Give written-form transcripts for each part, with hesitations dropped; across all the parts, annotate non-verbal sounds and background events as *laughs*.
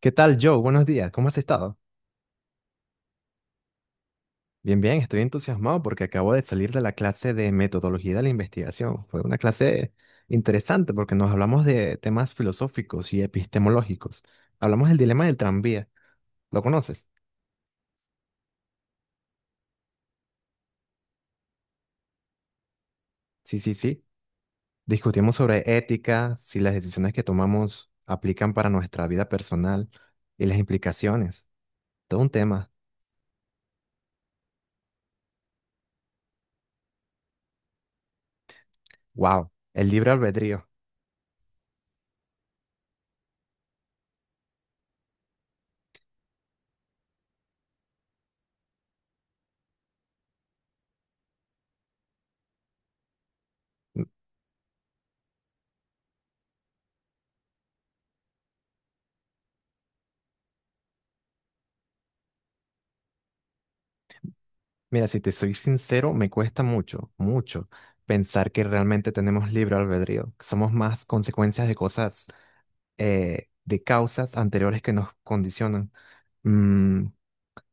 ¿Qué tal, Joe? Buenos días. ¿Cómo has estado? Bien, bien. Estoy entusiasmado porque acabo de salir de la clase de metodología de la investigación. Fue una clase interesante porque nos hablamos de temas filosóficos y epistemológicos. Hablamos del dilema del tranvía. ¿Lo conoces? Sí, sí, sí. Discutimos sobre ética, si las decisiones que tomamos aplican para nuestra vida personal y las implicaciones. Todo un tema. ¡Wow! El libre albedrío. Mira, si te soy sincero, me cuesta mucho, mucho pensar que realmente tenemos libre albedrío, que somos más consecuencias de cosas, de causas anteriores que nos condicionan. Mm,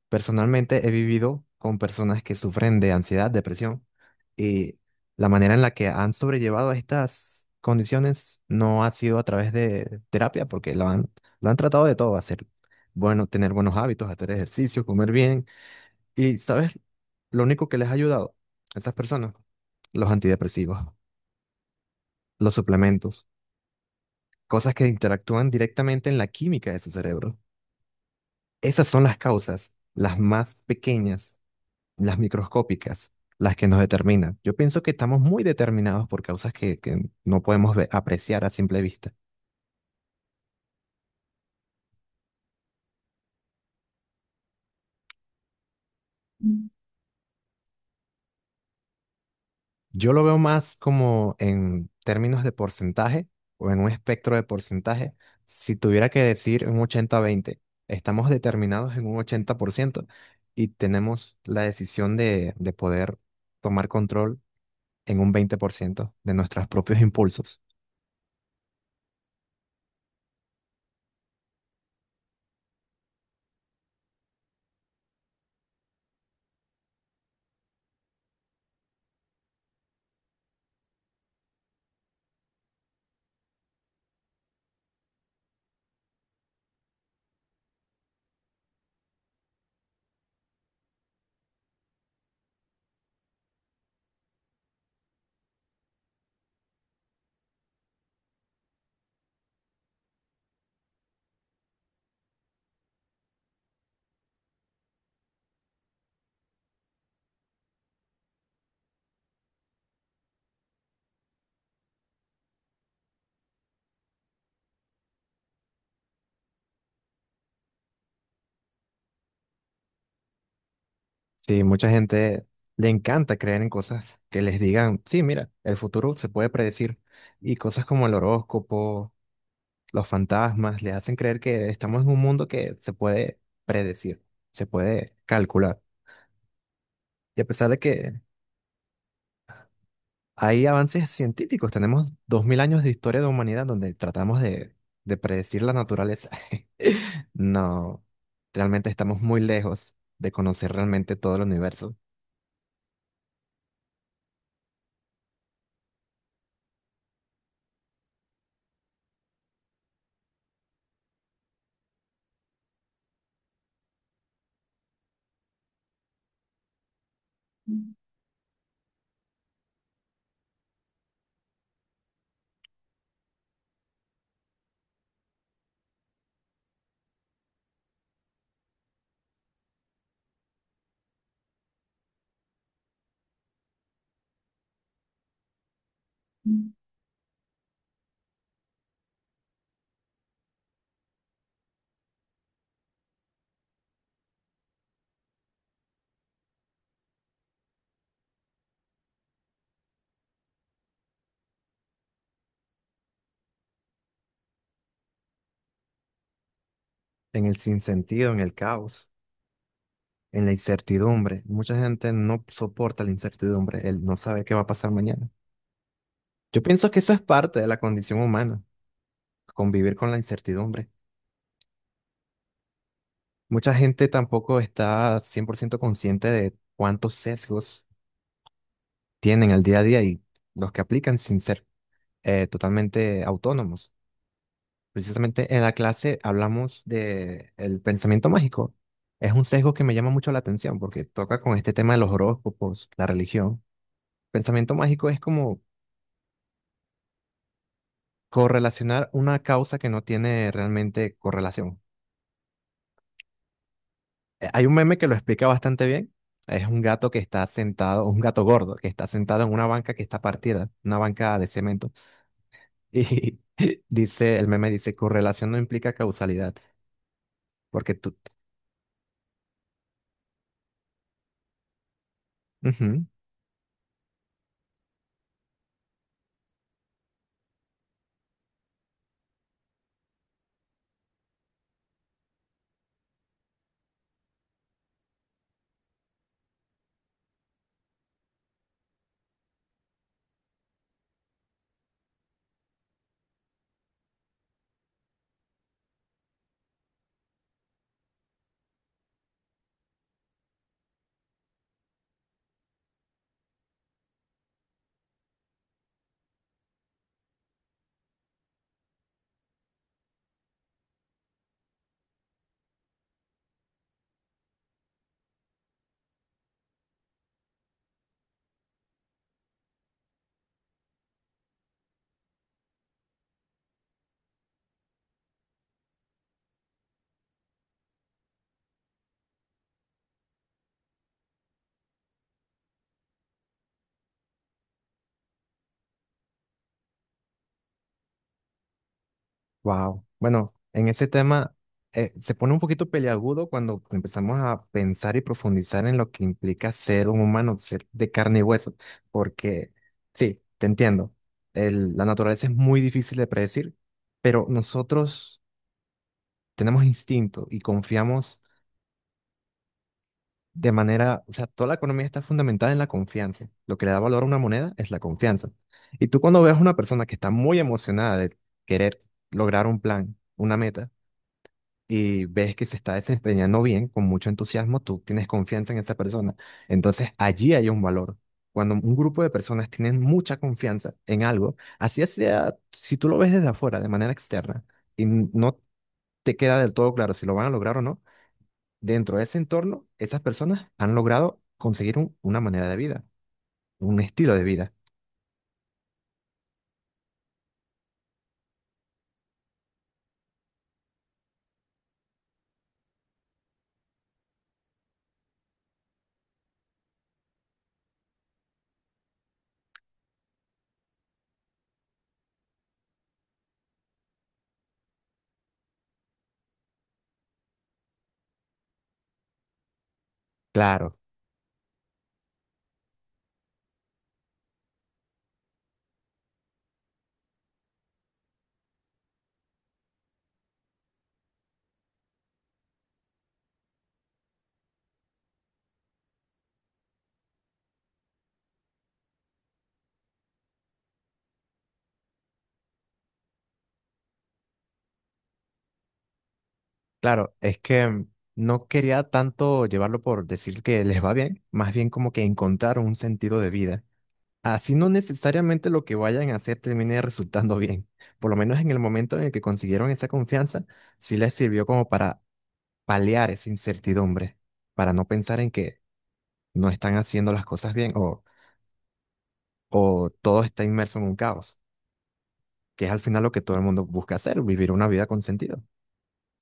personalmente he vivido con personas que sufren de ansiedad, depresión, y la manera en la que han sobrellevado estas condiciones no ha sido a través de terapia, porque lo han tratado de todo, hacer bueno, tener buenos hábitos, hacer ejercicio, comer bien y, ¿sabes? Lo único que les ha ayudado a estas personas, los antidepresivos, los suplementos, cosas que interactúan directamente en la química de su cerebro. Esas son las causas, las más pequeñas, las microscópicas, las que nos determinan. Yo pienso que estamos muy determinados por causas que no podemos apreciar a simple vista. Yo lo veo más como en términos de porcentaje o en un espectro de porcentaje. Si tuviera que decir un 80-20, estamos determinados en un 80% y tenemos la decisión de poder tomar control en un 20% de nuestros propios impulsos. Sí, mucha gente le encanta creer en cosas que les digan, sí, mira, el futuro se puede predecir y cosas como el horóscopo, los fantasmas, les hacen creer que estamos en un mundo que se puede predecir, se puede calcular. Y a pesar de que hay avances científicos, tenemos 2000 años de historia de humanidad donde tratamos de predecir la naturaleza. *laughs* No, realmente estamos muy lejos de conocer realmente todo el universo, en el sinsentido, en el caos, en la incertidumbre. Mucha gente no soporta la incertidumbre, el no saber qué va a pasar mañana. Yo pienso que eso es parte de la condición humana, convivir con la incertidumbre. Mucha gente tampoco está 100% consciente de cuántos sesgos tienen al día a día y los que aplican sin ser totalmente autónomos. Precisamente en la clase hablamos de el pensamiento mágico. Es un sesgo que me llama mucho la atención porque toca con este tema de los horóscopos, la religión. Pensamiento mágico es como correlacionar una causa que no tiene realmente correlación. Hay un meme que lo explica bastante bien. Es un gato que está sentado, un gato gordo, que está sentado en una banca que está partida, una banca de cemento. Y *laughs* dice, el meme dice, correlación no implica causalidad, porque tú... Wow. Bueno, en ese tema se pone un poquito peliagudo cuando empezamos a pensar y profundizar en lo que implica ser un humano, ser de carne y hueso, porque sí, te entiendo. El- la naturaleza es muy difícil de predecir, pero nosotros tenemos instinto y confiamos de manera, o sea, toda la economía está fundamentada en la confianza. Lo que le da valor a una moneda es la confianza. Y tú cuando ves a una persona que está muy emocionada de querer lograr un plan, una meta, y ves que se está desempeñando bien, con mucho entusiasmo, tú tienes confianza en esa persona. Entonces, allí hay un valor. Cuando un grupo de personas tienen mucha confianza en algo, así sea, si tú lo ves desde afuera, de manera externa, y no te queda del todo claro si lo van a lograr o no, dentro de ese entorno, esas personas han logrado conseguir un- una manera de vida, un estilo de vida. Claro, claro, es que no quería tanto llevarlo por decir que les va bien, más bien como que encontrar un sentido de vida. Así no necesariamente lo que vayan a hacer termine resultando bien. Por lo menos en el momento en el que consiguieron esa confianza, sí les sirvió como para paliar esa incertidumbre, para no pensar en que no están haciendo las cosas bien o todo está inmerso en un caos, que es al final lo que todo el mundo busca hacer, vivir una vida con sentido,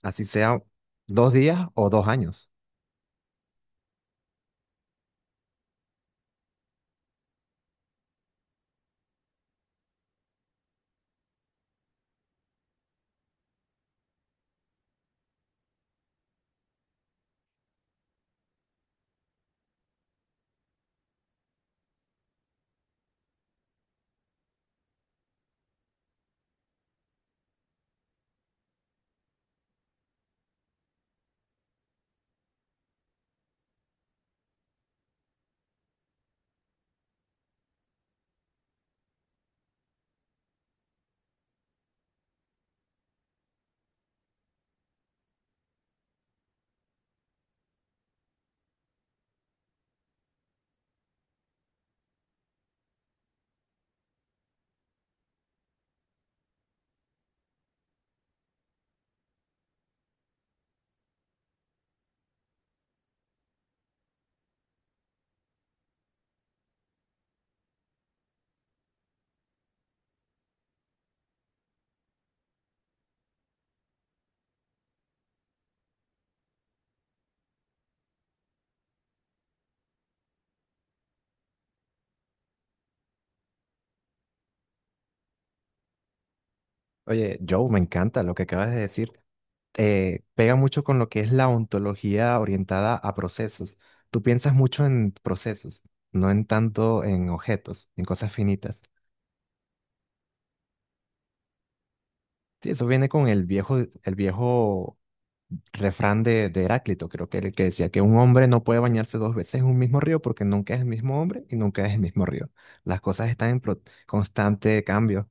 así sea 2 días o 2 años. Oye, Joe, me encanta lo que acabas de decir. Pega mucho con lo que es la ontología orientada a procesos. Tú piensas mucho en procesos, no en tanto en objetos, en cosas finitas. Sí, eso viene con el viejo refrán de Heráclito, creo que era el que decía que un hombre no puede bañarse dos veces en un mismo río porque nunca es el mismo hombre y nunca es el mismo río. Las cosas están en constante cambio.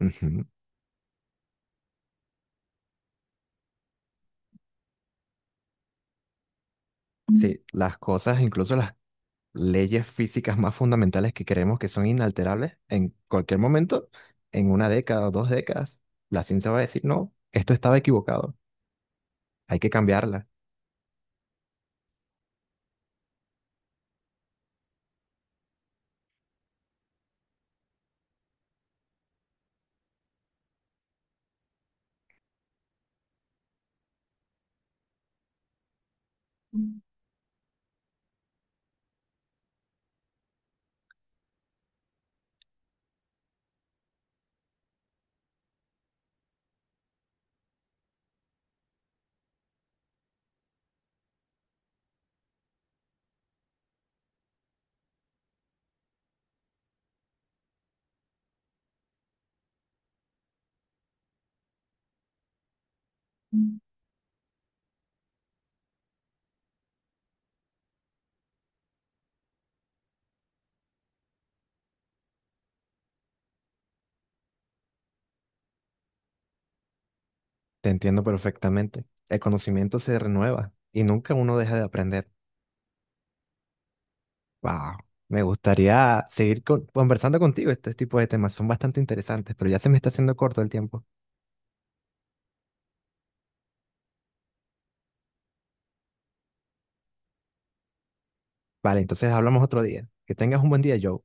Ujú. Sí, las cosas, incluso las leyes físicas más fundamentales que creemos que son inalterables, en cualquier momento, en una década o 2 décadas, la ciencia va a decir, no, esto estaba equivocado, hay que cambiarla. Mm. Te entiendo perfectamente. El conocimiento se renueva y nunca uno deja de aprender. Wow, me gustaría seguir conversando contigo. Este tipo de temas son bastante interesantes, pero ya se me está haciendo corto el tiempo. Vale, entonces hablamos otro día. Que tengas un buen día, Joe.